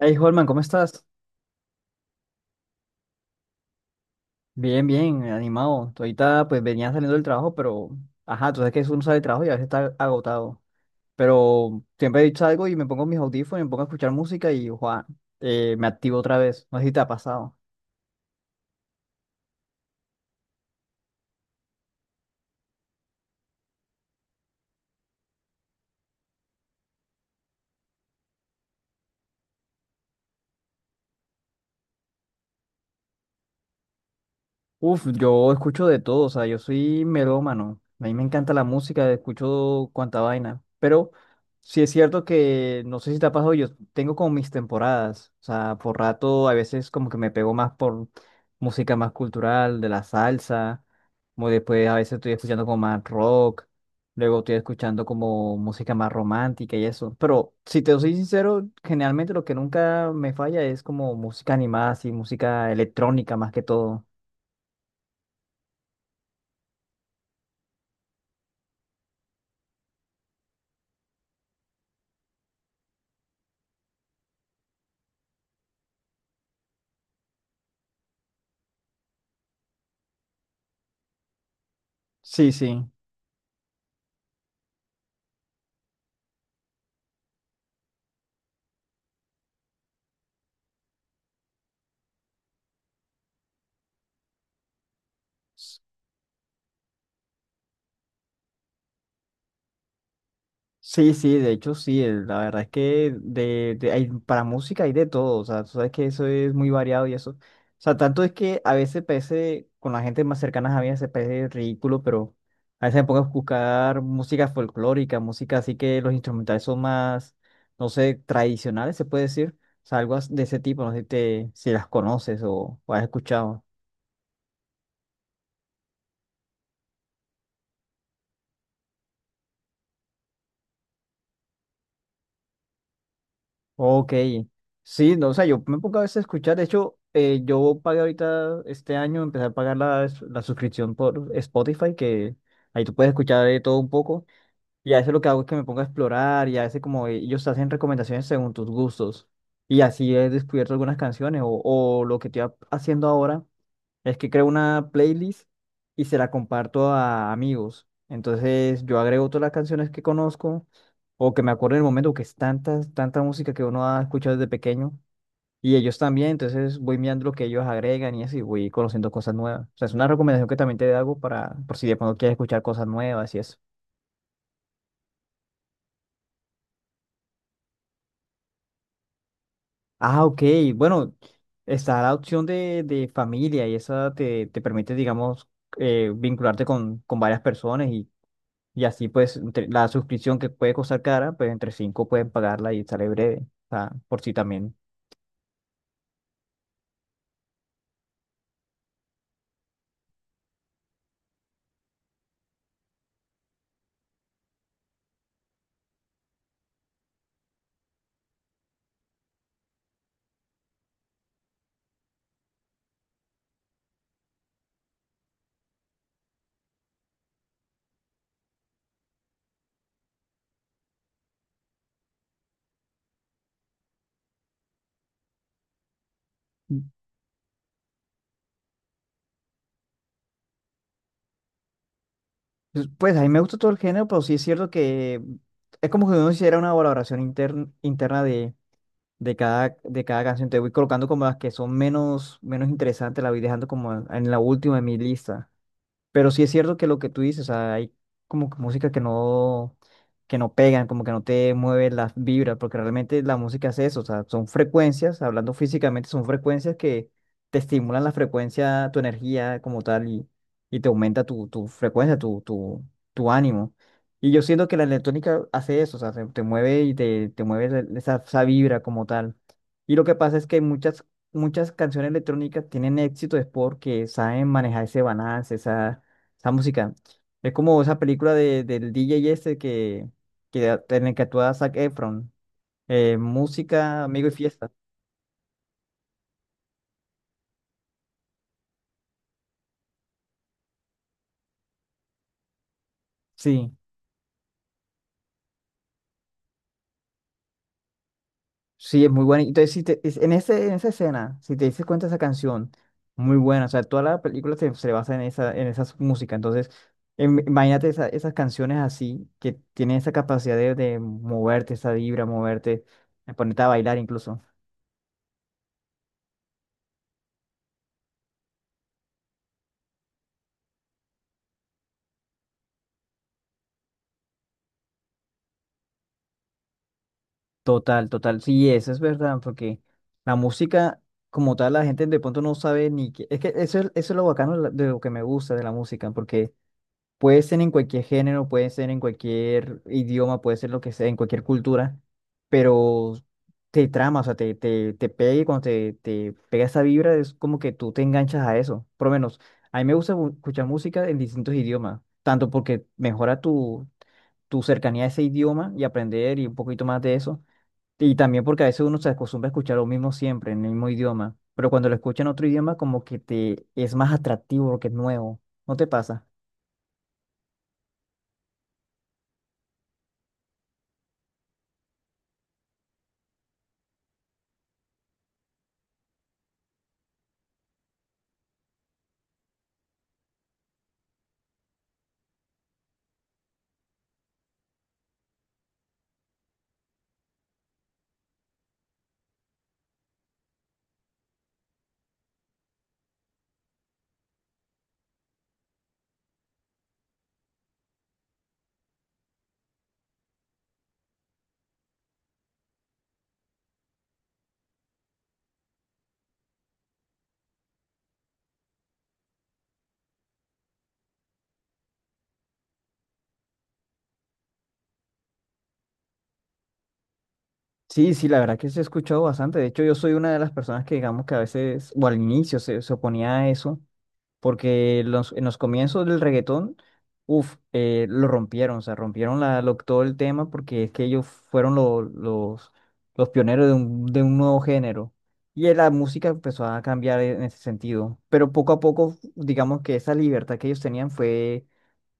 Hey, Holman, ¿cómo estás? Bien, bien, animado. Tú ahorita pues venía saliendo del trabajo, pero ajá, tú sabes que uno sale del trabajo y a veces está agotado. Pero siempre salgo y me pongo mis audífonos y me pongo a escuchar música y ¡guau! Me activo otra vez. No sé si te ha pasado. Uf, yo escucho de todo, o sea, yo soy melómano. A mí me encanta la música, escucho cuanta vaina. Pero sí es cierto que, no sé si te ha pasado, yo tengo como mis temporadas. O sea, por rato a veces como que me pego más por música más cultural, de la salsa. Como después a veces estoy escuchando como más rock. Luego estoy escuchando como música más romántica y eso. Pero si te soy sincero, generalmente lo que nunca me falla es como música animada, así, música electrónica más que todo. Sí, sí. S- Sí, sí, de hecho sí, la verdad es que hay, para música hay de todo, o sea, tú sabes que eso es muy variado y eso. O sea, tanto es que a veces parece, con la gente más cercana a mí, se parece ridículo, pero a veces me pongo a buscar música folclórica, música así que los instrumentales son más, no sé, tradicionales, se puede decir. O sea, de ese tipo, no sé si las conoces o has escuchado. Ok, sí, no, o sea, yo me pongo a veces a escuchar, de hecho, yo pagué ahorita este año, empecé a pagar la suscripción por Spotify, que ahí tú puedes escuchar de todo un poco, y a veces lo que hago es que me pongo a explorar, y a veces como ellos te hacen recomendaciones según tus gustos, y así he descubierto algunas canciones, o lo que estoy haciendo ahora es que creo una playlist y se la comparto a amigos, entonces yo agrego todas las canciones que conozco o que me acuerdo en el momento que es tanta, tanta música que uno ha escuchado desde pequeño. Y ellos también, entonces voy mirando lo que ellos agregan y así voy conociendo cosas nuevas. O sea, es una recomendación que también te hago para, por si de pronto quieres escuchar cosas nuevas y eso. Ah, ok. Bueno, está la opción de familia y esa te permite, digamos, vincularte con varias personas y así pues la suscripción que puede costar cara, pues entre cinco pueden pagarla y sale breve. O sea, por si también. Pues, a mí me gusta todo el género, pero sí es cierto que es como que uno hiciera una valoración interna de cada canción. Te voy colocando como las que son menos, menos interesantes, la voy dejando como en la última de mi lista. Pero sí es cierto que lo que tú dices, o sea, hay como que música que no pegan, como que no te mueve las vibras, porque realmente la música es eso, o sea, son frecuencias, hablando físicamente, son frecuencias que te estimulan la frecuencia, tu energía como tal, y te aumenta tu, tu frecuencia, tu ánimo. Y yo siento que la electrónica hace eso, o sea, te mueve y te mueve esa, esa vibra como tal. Y lo que pasa es que muchas canciones electrónicas tienen éxito es porque saben manejar ese balance, esa música. Es como esa película de, del DJ este que en el que actúa Zac Efron. Música, amigo y fiesta. Sí, sí, es muy buena. Entonces, si te- es- en ese, en esa escena, si te dices cuenta esa canción, muy buena. O sea, toda la película se, se basa en esa música. Entonces, imagínate esas canciones así, que tienen esa capacidad de moverte, esa vibra, moverte, de ponerte a bailar incluso. Total, total. Sí, eso es verdad, porque la música como tal la gente de pronto no sabe ni qué. Es que eso es lo bacano de de lo que me gusta de la música, porque puede ser en cualquier género, puede ser en cualquier idioma, puede ser lo que sea, en cualquier cultura, pero te trama, o sea, te pega y cuando te pega esa vibra es como que tú te enganchas a eso. Por lo menos, a mí me gusta escuchar música en distintos idiomas, tanto porque mejora tu, tu cercanía a ese idioma y aprender y un poquito más de eso y también porque a veces uno se acostumbra a escuchar lo mismo siempre, en el mismo idioma. Pero cuando lo escucha en otro idioma, como que te es más atractivo porque es nuevo. ¿No te pasa? Sí, sí, la verdad que se ha escuchado bastante. De hecho, yo soy una de las personas que digamos que a veces, o al inicio, se oponía a eso. Porque los, en los comienzos del reggaetón, uff, lo rompieron, o sea, rompieron todo el tema porque es que ellos fueron los pioneros de un nuevo género. Y la música empezó a cambiar en ese sentido. Pero poco a poco, digamos que esa libertad que ellos tenían fue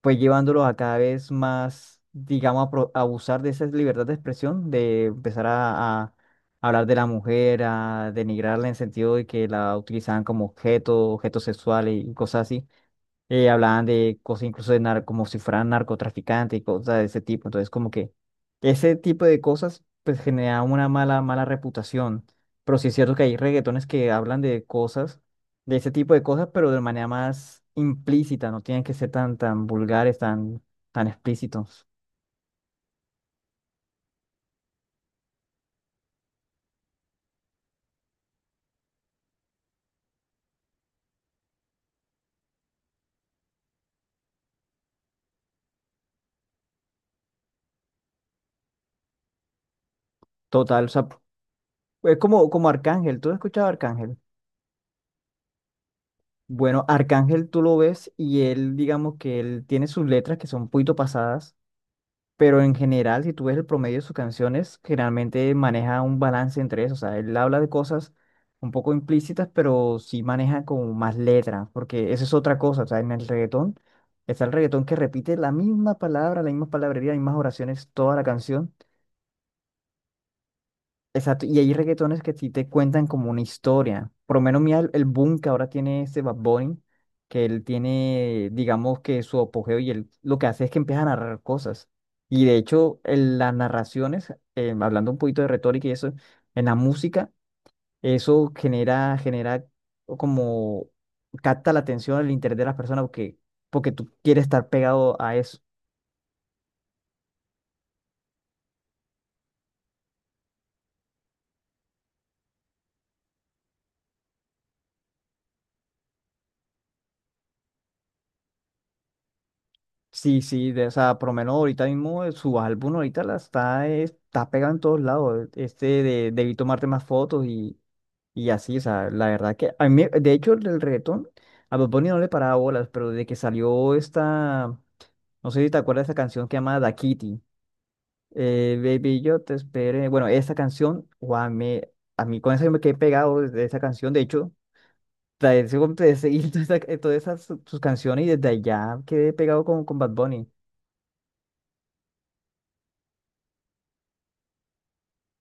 pues llevándolos a cada vez más, digamos, a abusar de esa libertad de expresión, de empezar a hablar de la mujer, a denigrarla en sentido de que la utilizaban como objeto, objeto sexual y cosas así hablaban de cosas incluso de nar como si fueran narcotraficantes y cosas de ese tipo. Entonces, como que ese tipo de cosas pues genera una mala, mala reputación. Pero sí es cierto que hay reggaetones que hablan de cosas, de ese tipo de cosas, pero de manera más implícita, no tienen que ser tan, tan vulgares, tan, tan explícitos. Total, o sea, es como, como Arcángel. ¿Tú has escuchado a Arcángel? Bueno, Arcángel tú lo ves y él, digamos que él tiene sus letras que son un poquito pasadas. Pero en general, si tú ves el promedio de sus canciones, generalmente maneja un balance entre eso. O sea, él habla de cosas un poco implícitas, pero sí maneja como más letras, porque esa es otra cosa. O sea, en el reggaetón está el reggaetón que repite la misma palabra, la misma palabrería, las mismas oraciones toda la canción. Exacto, y hay reggaetones que sí te cuentan como una historia. Por lo menos mira el boom que ahora tiene este Bad Bunny, que él tiene, digamos que su apogeo y él lo que hace es que empieza a narrar cosas. Y de hecho, en las narraciones, hablando un poquito de retórica y eso, en la música, eso genera, genera como capta la atención, el interés de las personas porque, porque tú quieres estar pegado a eso. Sí, sí, de, o sea, por lo menos ahorita mismo su álbum ahorita la está, está pegado en todos lados. Este de debí tomarte más fotos y así, o sea, la verdad que a mí, de hecho, el reggaetón, a Bad Bunny no le paraba bolas, pero desde que salió esta, no sé si te acuerdas de esa canción que llama Da Kitty, Baby, yo te esperé. Bueno, esa canción, guau, me, a mí con esa yo me quedé pegado de esa canción, de hecho. Trae, seguí todas esas sus canciones y desde allá quedé pegado con Bad Bunny.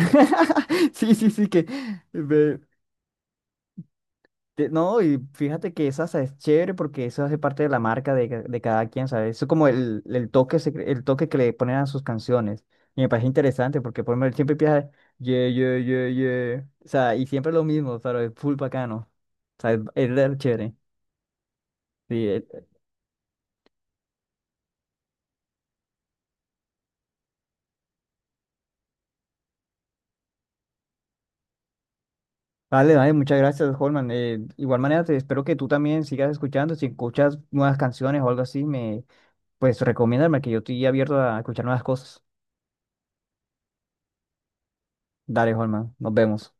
Sí, sí, sí, que... ve- no, y fíjate que esa es chévere porque eso hace parte de la marca de cada quien, ¿sabes? Eso es como el toque, el toque que le ponen a sus canciones. Y me parece interesante porque por lo menos siempre empieza, yeah, yeah, yeah, yeah. O sea, y siempre lo mismo, pero es full bacano. O sea, es re chévere. Sí, vale, vale, muchas gracias, Holman. Igual manera, te espero que tú también sigas escuchando. Si escuchas nuevas canciones o algo así, me, pues recomiéndame que yo estoy abierto a escuchar nuevas cosas. Dale, Holman, nos vemos.